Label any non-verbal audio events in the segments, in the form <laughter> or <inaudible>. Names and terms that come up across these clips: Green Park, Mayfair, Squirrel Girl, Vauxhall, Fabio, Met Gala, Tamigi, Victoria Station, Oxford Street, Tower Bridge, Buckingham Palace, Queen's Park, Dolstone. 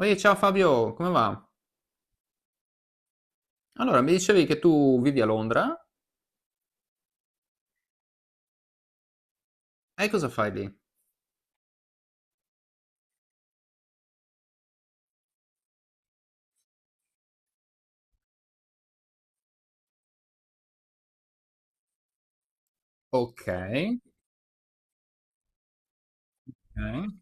Oi, ciao Fabio, come va? Allora, mi dicevi che tu vivi a Londra e cosa fai lì? Ok, ok,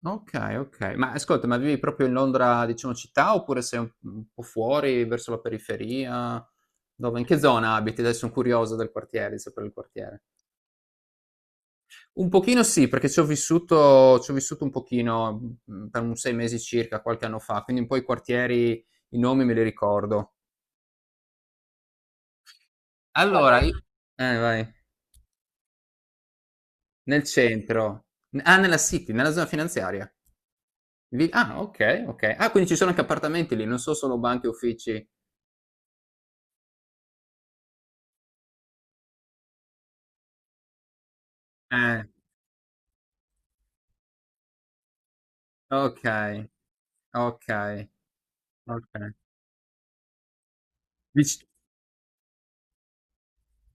ok, ok. Ma ascolta, ma vivi proprio in Londra, diciamo, città oppure sei un po' fuori, verso la periferia? Dove, in che zona abiti? Adesso sono curioso del quartiere, di sapere il quartiere. Un pochino sì, perché ci ho vissuto un pochino per un 6 mesi circa, qualche anno fa, quindi un po' i quartieri, i nomi me li ricordo. Allora, io. Vai. Nel centro. Nella City, nella zona finanziaria. Okay, okay. Ah, quindi ci sono anche appartamenti lì, non so solo banche e uffici. Eh, okay, okay, okay. Vic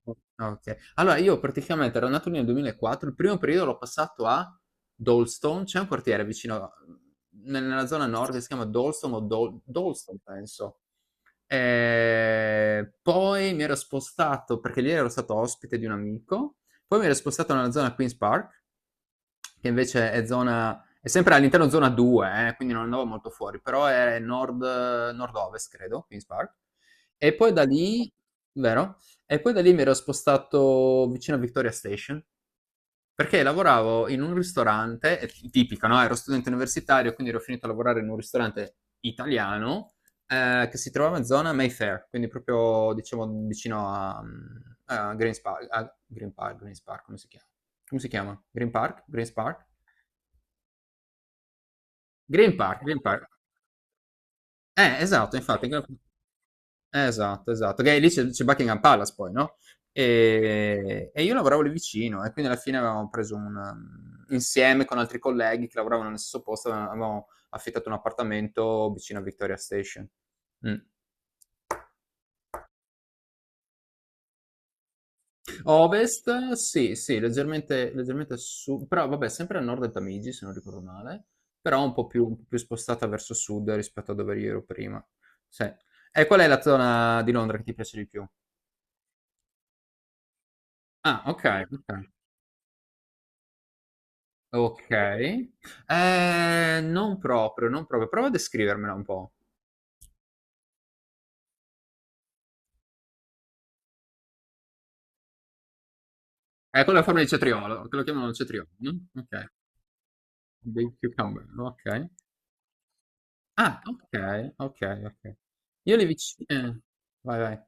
o okay. Allora io praticamente ero nato lì nel 2004, il primo periodo l'ho passato a Dolstone, c'è un quartiere vicino, ne nella zona nord che si chiama Dolstone o Dolstone penso. Poi mi ero spostato, perché lì ero stato ospite di un amico, poi mi ero spostato nella zona Queen's Park, che invece è sempre all'interno zona 2, quindi non andavo molto fuori, però è nord, nord-ovest, credo, Queen's Park. E poi da lì, vero? E poi da lì mi ero spostato vicino a Victoria Station, perché lavoravo in un ristorante, è tipico, no, ero studente universitario, quindi ero finito a lavorare in un ristorante italiano, che si trovava in zona Mayfair, quindi proprio diciamo vicino a Green's Park a Green Park Green's Park come si chiama? Green Park? Green's Park? Green Park, Green Park. Esatto, infatti. Esatto, esatto, perché lì c'è Buckingham Palace poi, no, e io lavoravo lì vicino e quindi alla fine avevamo preso un mhmm, insieme con altri colleghi che lavoravano nello stesso posto, avevamo affittato un appartamento vicino a Victoria Station. Mh. Ovest, sì, sì, leggermente leggermente a su però vabbè sempre a nord del Tamigi, se non ricordo male, però un po' più spostata verso sud rispetto a dove io ero prima. Sì. E qual è la zona di Londra che ti piace di più? Ah, okay, okay. Ok. Non proprio, non proprio. Prova a descrivermela un po'. È quella forma di cetriolo, che lo chiamano il cetriolo, no? Ok. Big cucumber, ok. Ah, ok, ok, ok. Io le vicine. Vai, vai.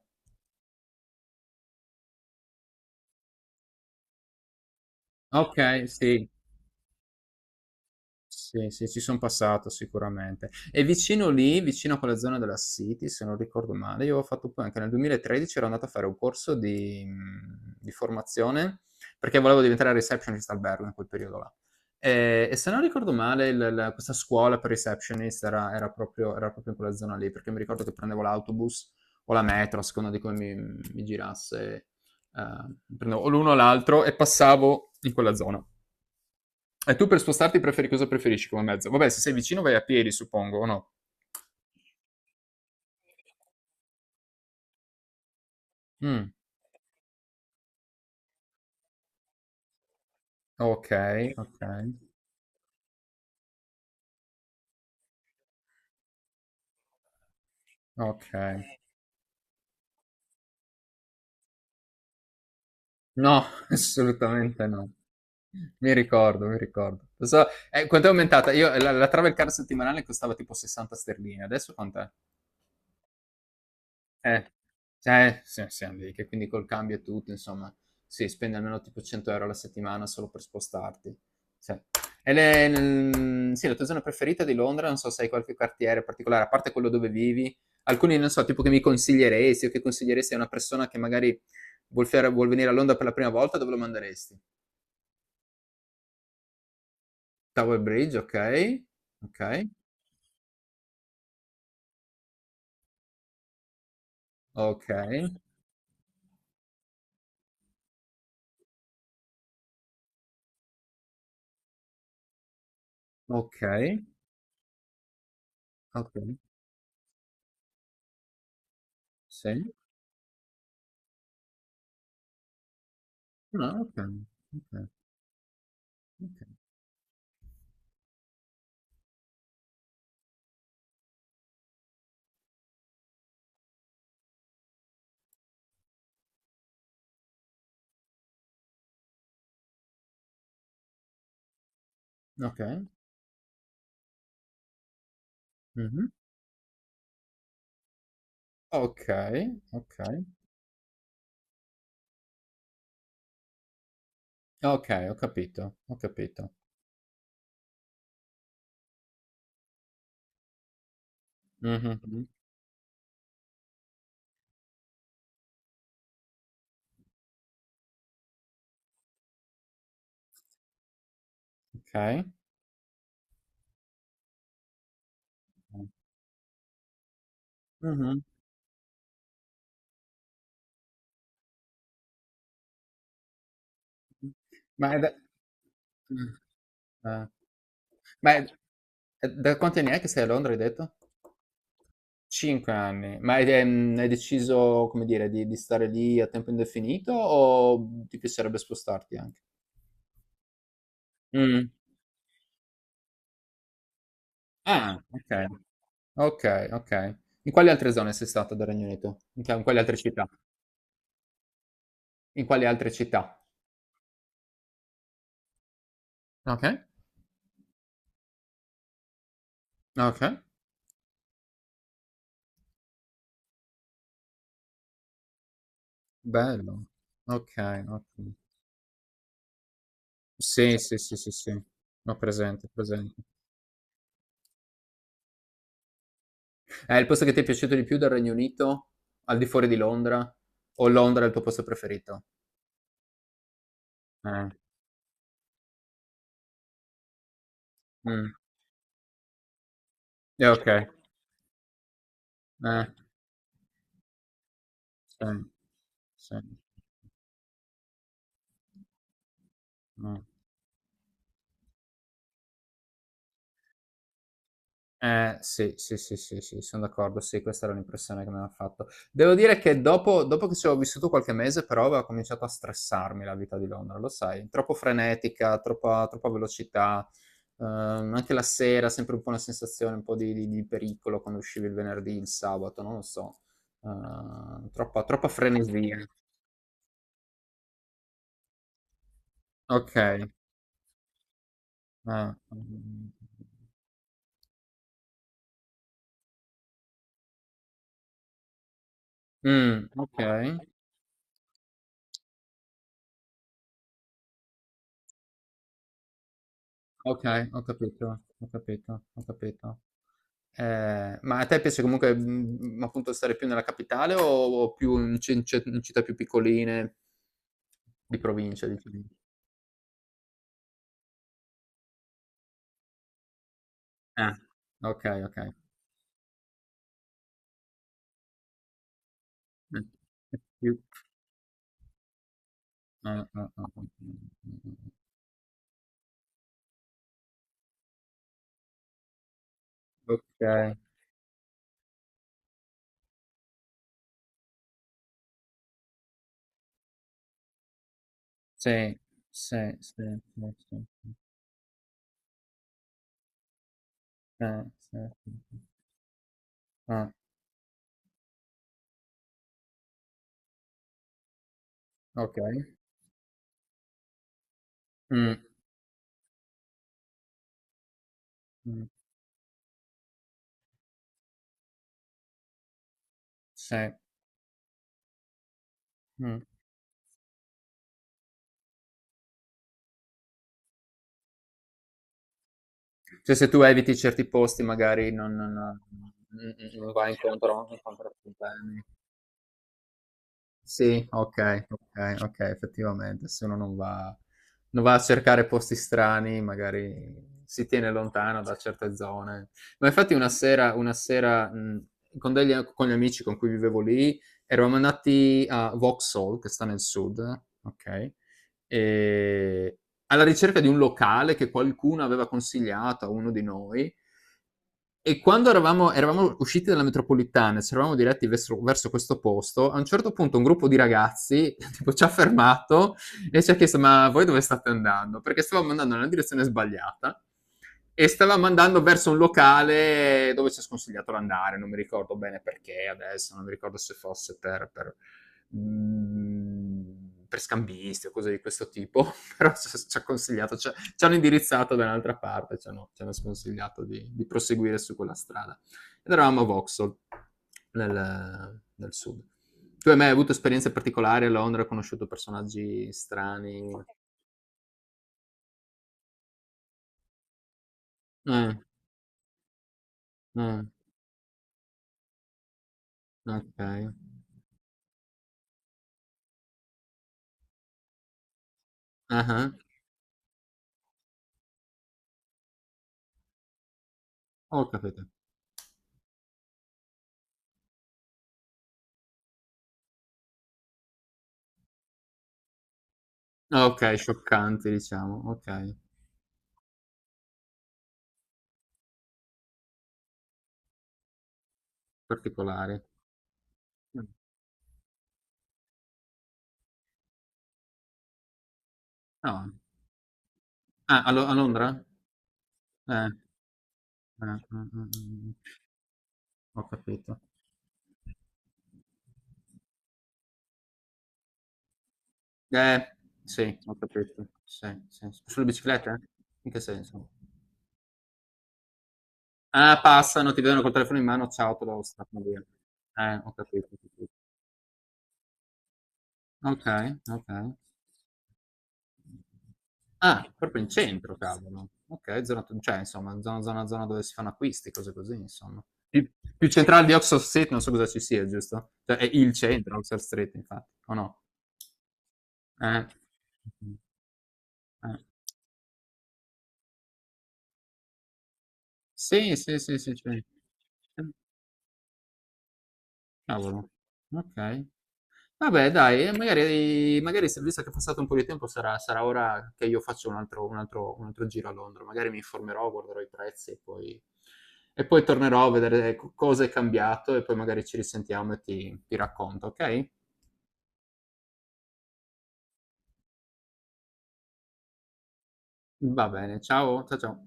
Ok, sì. Sì, sì, ci son passato sicuramente. E vicino lì, vicino a quella zona della City, se non ricordo male, io ho fatto poi anche nel 2013 ero andato a fare un corso di formazione, perché volevo diventare receptionist albergo in quel periodo là. E se non ricordo male il la questa scuola per receptionist era proprio in quella zona lì, perché mi ricordo che prendevo l'autobus o la metro, a seconda di come mi girasse, prendevo o l'uno o l'altro e passavo in quella zona. E tu per spostarti preferi cosa preferisci come mezzo? Vabbè, se sei vicino vai a piedi, suppongo, o no? Mm, ok, ok, ok. No, <laughs> assolutamente no. Mi ricordo, mi ricordo. Lo so, quanto è aumentata? Io, la travel card settimanale costava tipo 60 sterline, adesso quant'è? Eh, sì, siamo lì, che quindi col cambio e tutto, insomma, sì, spendi almeno tipo 100 euro alla settimana solo per spostarti. Sì. E sì, la tua zona preferita di Londra, non so se hai qualche quartiere particolare, a parte quello dove vivi, alcuni, non so, tipo che mi consiglieresti o che consiglieresti a una persona che magari vuol venire a Londra per la prima volta, dove lo manderesti? Tower Bridge, ok, ok, ok, ok, ok, sì, no, ok, ok, ok, ok. Mhm. Ok, ok, ok, ho capito, ho capito. Mhm, mhm, ok. Mhm. Ma è da... eh, Ma è- è da quanti anni è che sei a Londra, hai detto? 5 anni. Ma hai deciso, come dire, di stare lì a tempo indefinito o ti piacerebbe spostarti anche? Mm. Ah, ok. Ok, ok. In quali altre zone sei stato del Regno Unito? In quali altre città? In quali altre città? Ok. Okay, bello. Okay, ottimo. Sì, sì, sì, sì, sì. Ho presente, presente. Il posto che ti è piaciuto di più del Regno Unito, al di fuori di Londra? O Londra è il tuo posto preferito? Eh, mh. Okay. Eh, sì. Sì. Mh. Sì, sì, sì, sì, sì, sono d'accordo, sì, questa era l'impressione che mi aveva fatto. Devo dire che dopo, dopo che ci ho vissuto qualche mese, però aveva cominciato a stressarmi la vita di Londra, lo sai, troppo frenetica, troppa, troppa velocità, anche la sera sempre un po' una sensazione un po' di pericolo quando uscivi il venerdì, il sabato, non lo so. Troppa, troppa frenesia. Ok, mm, ok, ok, ho capito, ho capito, ho capito. Ma a te piace comunque, appunto stare più nella capitale o più in cin ce in città più piccoline? Di provincia dicevi. Ah, okay, okay. Mh. È più ah, ah, ah, ah, mh-mh, okay. Sì, sì, sì, sì, sì, sì. Sì, sì, sì. Ah, okay. Mh, mh, sì, mh. Cioè se tu eviti certi posti magari non non vai incontro a problemi. Sì, okay, okay, okay, effettivamente se uno non va a cercare posti strani, magari si tiene lontano da certe zone. Ma infatti una sera con degli a con gli amici con cui vivevo lì, eravamo andati a Vauxhall, che sta nel sud, okay, ehm, alla ricerca di un locale che qualcuno aveva consigliato a uno di noi e quando eravamo usciti dalla metropolitana, ci eravamo diretti verso questo posto, a un certo punto un gruppo di ragazzi <laughs> tipo, ci ha fermato e ci ha chiesto: Ma voi dove state andando? Perché stavamo andando nella direzione sbagliata e stavamo andando verso un locale dove ci ha sconsigliato di andare, non mi ricordo bene perché adesso, non mi ricordo se fosse per scambisti o cose di questo tipo, <laughs> però ci ha consigliato, ci hanno indirizzato da un'altra parte, ci hanno sconsigliato di proseguire su quella strada. Ed eravamo a Vauxhall, nel sud. Tu hai mai avuto esperienze particolari a Londra? Hai conosciuto personaggi strani? Eh, eh, ok. Ah ah. Ho capito. Ah, okay, scioccanti diciamo, okay, particolari. Mh. Ah. Ah, a Londra? Eh. Eh, mh, mh, mh. Ho capito. Eh, sì, ho capito. Sì, sì, s sulle biciclette? In che senso? Ah, passano, ti vedono col telefono in mano, ciao, te lo strappano via. Ho capito, ho capito. Okay, okay. Ah, proprio in centro, cavolo. Ok, zona, cioè, insomma, zona, zona, zona dove si fanno acquisti, cose così, insomma. Più, più centrale di Oxford Street, non so cosa ci sia, giusto? Cioè, è il centro, Oxford Street, infatti, o no? Eh. Eh. Sì, sì, sì, sì, c'è. Cavolo. Ok. Vabbè, dai, magari visto che è passato un po' di tempo, sarà ora che io faccio un altro giro a Londra. Magari mi informerò, guarderò i prezzi e poi, tornerò a vedere cosa è cambiato e poi magari ci risentiamo e ti racconto, ok? Va bene, ciao, ciao ciao.